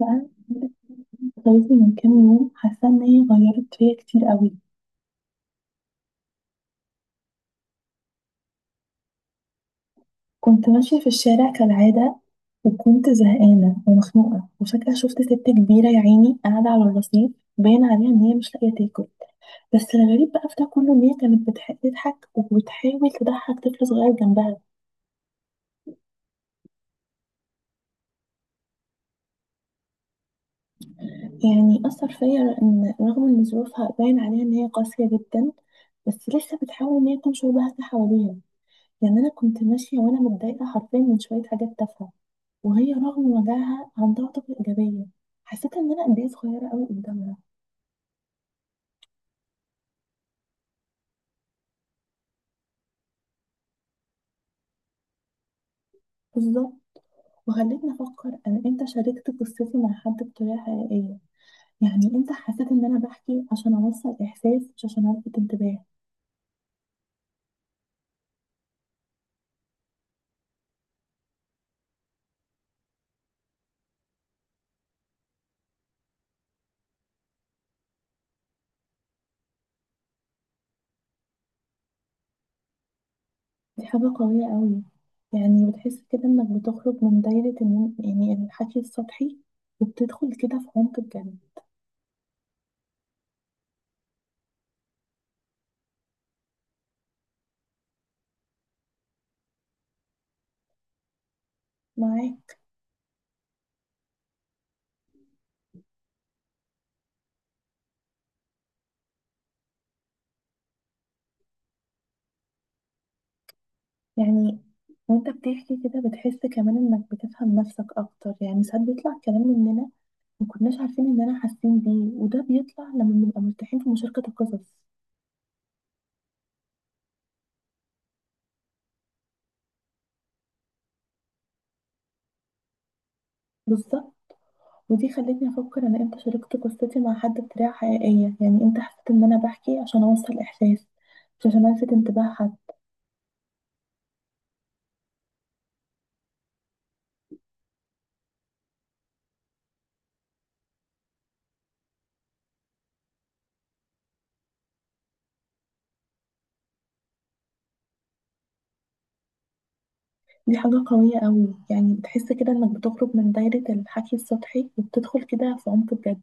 بقى غيرتني من كام يوم، حاسة إن هي غيرت فيا كتير قوي. كنت ماشية في الشارع كالعادة، وكنت زهقانة ومخنوقة، وفجأة شفت ست كبيرة يا عيني قاعدة على الرصيف، باين عليها إن هي مش لاقية تاكل. بس الغريب بقى في ده كله إن هي كانت بتضحك وبتحاول تضحك طفل صغير جنبها. يعني أثر فيا إن رغم إن ظروفها باين عليها إن هي قاسية جدا، بس لسه بتحاول إن هي تنشر بهجة حواليها. يعني أنا كنت ماشية وأنا متضايقة حرفيا من شوية حاجات تافهة، وهي رغم وجعها عندها طاقة إيجابية. حسيت إن أنا قد إيه صغيرة أوي قدامها. بالظبط، وخلتني أفكر أنا إمتى شاركت قصتي مع حد بطريقة حقيقية. يعني إمتى حسيت إن أنا بحكي عشان أوصل إحساس، مش عشان ألفت انتباه. دي حاجة قوية أوي، يعني بتحس كده إنك بتخرج من دايرة إن يعني الحكي السطحي، وبتدخل كده في عمق بجد. معاك. يعني وانت بتحكي كده بتحس كمان انك بتفهم نفسك اكتر، يعني ساعات بيطلع كلام مننا ما كناش عارفين اننا حاسين بيه، وده بيطلع لما بنبقى مرتاحين في مشاركة القصص. بالظبط، ودي خلتني افكر انا امتى شاركت قصتي مع حد بطريقة حقيقية. يعني امتى حسيت ان انا بحكي عشان اوصل احساس، مش عشان الفت انتباه حد. دي حاجة قوية قوي، يعني بتحس كده انك بتخرج من دايرة الحكي السطحي، وبتدخل كده في عمق بجد.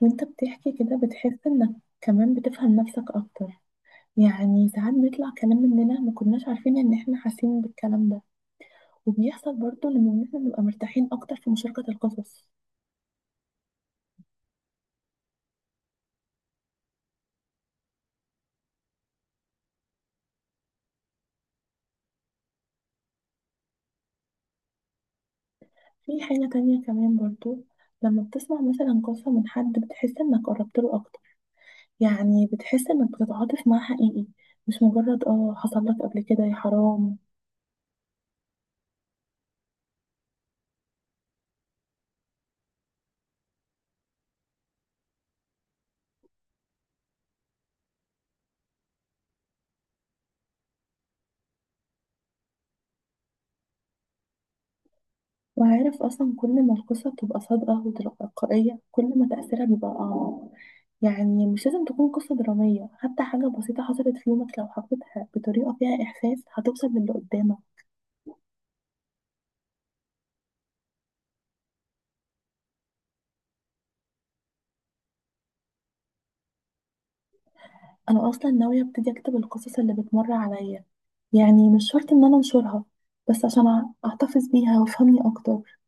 وانت بتحكي كده بتحس انك كمان بتفهم نفسك اكتر. يعني ساعات بيطلع كلام مننا ما كناش عارفين ان احنا حاسين بالكلام ده، وبيحصل برضو لما احنا نبقى مرتاحين اكتر في مشاركة القصص. في حاجة تانية كمان برضو، لما بتسمع مثلا قصة من حد بتحس انك قربت له اكتر. يعني بتحس انك بتتعاطف معاه حقيقي، مش مجرد اه حصل لك قبل كده يا حرام. وعارف أصلا، كل ما القصة بتبقى صادقة وتلقائية كل ما تأثيرها بيبقى أعمق. يعني مش لازم تكون قصة درامية، حتى حاجة بسيطة حصلت في يومك لو حكيتها بطريقة فيها إحساس هتوصل للي قدامك. أنا أصلا ناوية أبتدي أكتب القصص اللي بتمر عليا. يعني مش شرط إن أنا أنشرها، بس عشان أحتفظ بيها وأفهمني أكتر.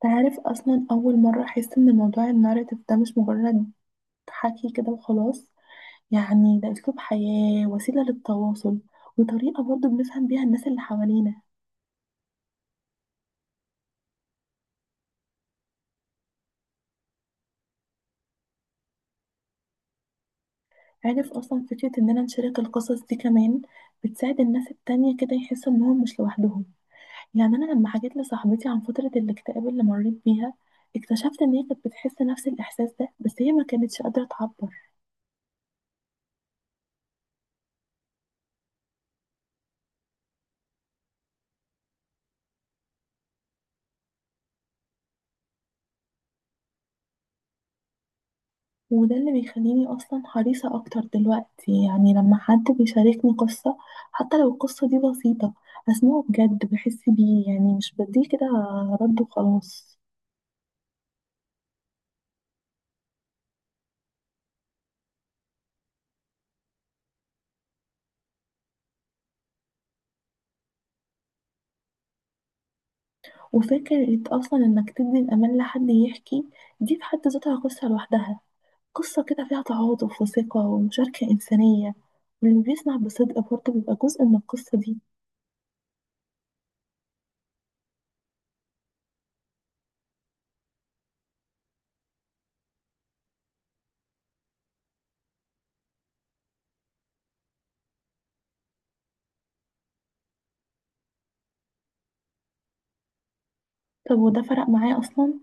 تعرف أصلا أول مرة أحس إن موضوع الناريتيف ده مش مجرد حكي كده وخلاص. يعني ده أسلوب حياة، وسيلة للتواصل، وطريقة برضو بنفهم بيها الناس اللي حوالينا. عارف أصلا فكرة إننا نشارك القصص دي كمان بتساعد الناس التانية كده يحسوا إنهم مش لوحدهم. يعني أنا لما حكيت لصاحبتي عن فترة الاكتئاب اللي مريت بيها، اكتشفت إن هي كانت بتحس نفس الإحساس ده، بس هي ما كانتش قادرة تعبر. وده اللي بيخليني أصلا حريصة أكتر دلوقتي، يعني لما حد بيشاركني قصة حتى لو القصة دي بسيطة، أسمعه بجد، بحس بيه، يعني مش بديه كده رد وخلاص. وفكرة أصلا إنك تدي الأمان لحد يحكي، دي في حد ذاتها قصة لوحدها. قصة كده فيها تعاطف وثقة ومشاركة إنسانية، واللي بيسمع بصدق برضه بيبقى جزء من القصة دي. طب وده فرق معايا أصلا.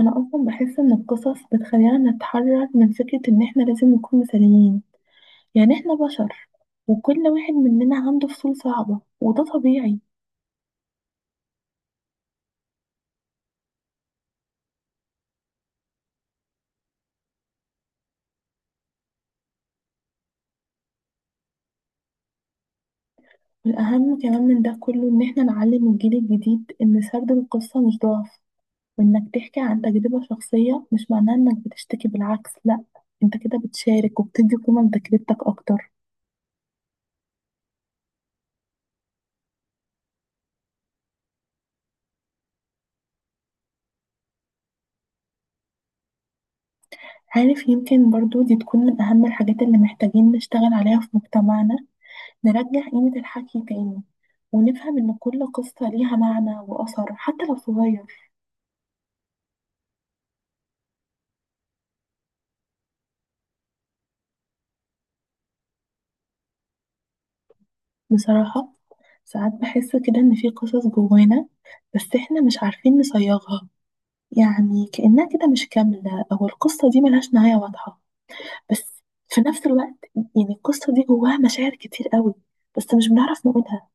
أنا أصلا بحس إن القصص بتخلينا نتحرر من فكرة إن إحنا لازم نكون مثاليين. يعني احنا بشر، وكل واحد مننا عنده فصول صعبة، وده طبيعي. والأهم كمان من ده كله إن احنا نعلم الجيل الجديد إن سرد القصة مش ضعف، وإنك تحكي عن تجربة شخصية مش معناه إنك بتشتكي. بالعكس، لأ، انت كده بتشارك وبتدي قيمة لتجربتك أكتر. عارف، يمكن برضو دي تكون من أهم الحاجات اللي محتاجين نشتغل عليها في مجتمعنا. نرجع قيمة الحكي تاني، ونفهم إن كل قصة ليها معنى وأثر حتى لو صغير. بصراحة ساعات بحس كده إن في قصص جوانا، بس إحنا مش عارفين نصيغها. يعني كأنها كده مش كاملة، أو القصة دي ملهاش نهاية واضحة. بس في نفس الوقت يعني القصة دي جواها مشاعر كتير قوي، بس مش بنعرف نقولها.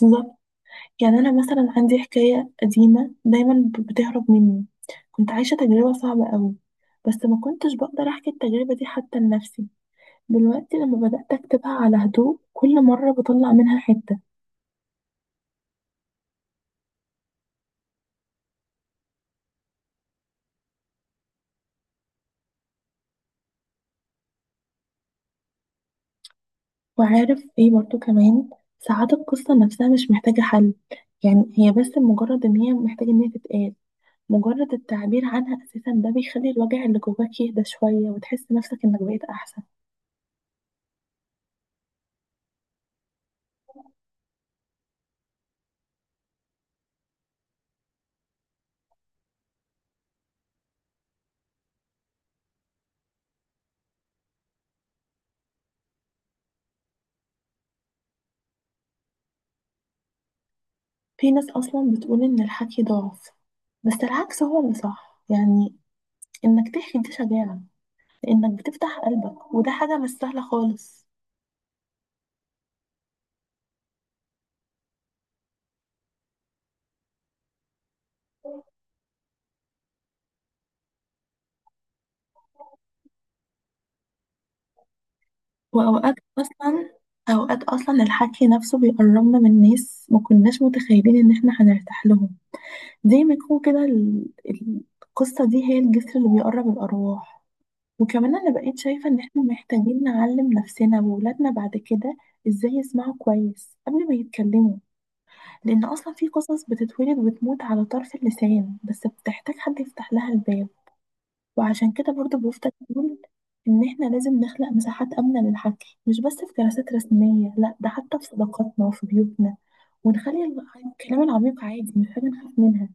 بالظبط. يعني أنا مثلا عندي حكاية قديمة دايما بتهرب مني. كنت عايشة تجربة صعبة قوي، بس ما كنتش بقدر أحكي التجربة دي حتى لنفسي. دلوقتي لما بدأت أكتبها على هدوء كل مرة بطلع منها حتة. وعارف ايه برضو كمان، ساعات القصة نفسها مش محتاجة حل. يعني هي بس مجرد ان هي محتاجة ان هي تتقال. مجرد التعبير عنها اساسا ده بيخلي الوجع اللي جواك يهدى شوية وتحس نفسك انك بقيت احسن. في ناس اصلا بتقول ان الحكي ضعف، بس العكس هو اللي صح. يعني انك تحكي دي شجاعة، لانك بتفتح قلبك وده حاجة مش سهلة خالص. واوقات اصلا اوقات اصلا الحكي نفسه بيقربنا من ناس ما كناش متخيلين ان احنا هنرتاح لهم. زي ما يكون كده القصة دي هي الجسر اللي بيقرب الأرواح. وكمان أنا بقيت شايفة إن إحنا محتاجين نعلم نفسنا وولادنا بعد كده إزاي يسمعوا كويس قبل ما يتكلموا، لأن أصلا في قصص بتتولد وتموت على طرف اللسان بس بتحتاج حد يفتح لها الباب. وعشان كده برضو بفضل أقول إن إحنا لازم نخلق مساحات آمنة للحكي، مش بس في جلسات رسمية، لأ ده حتى في صداقاتنا وفي بيوتنا، ونخلي الكلام العميق عادي مش حاجة نخاف منها.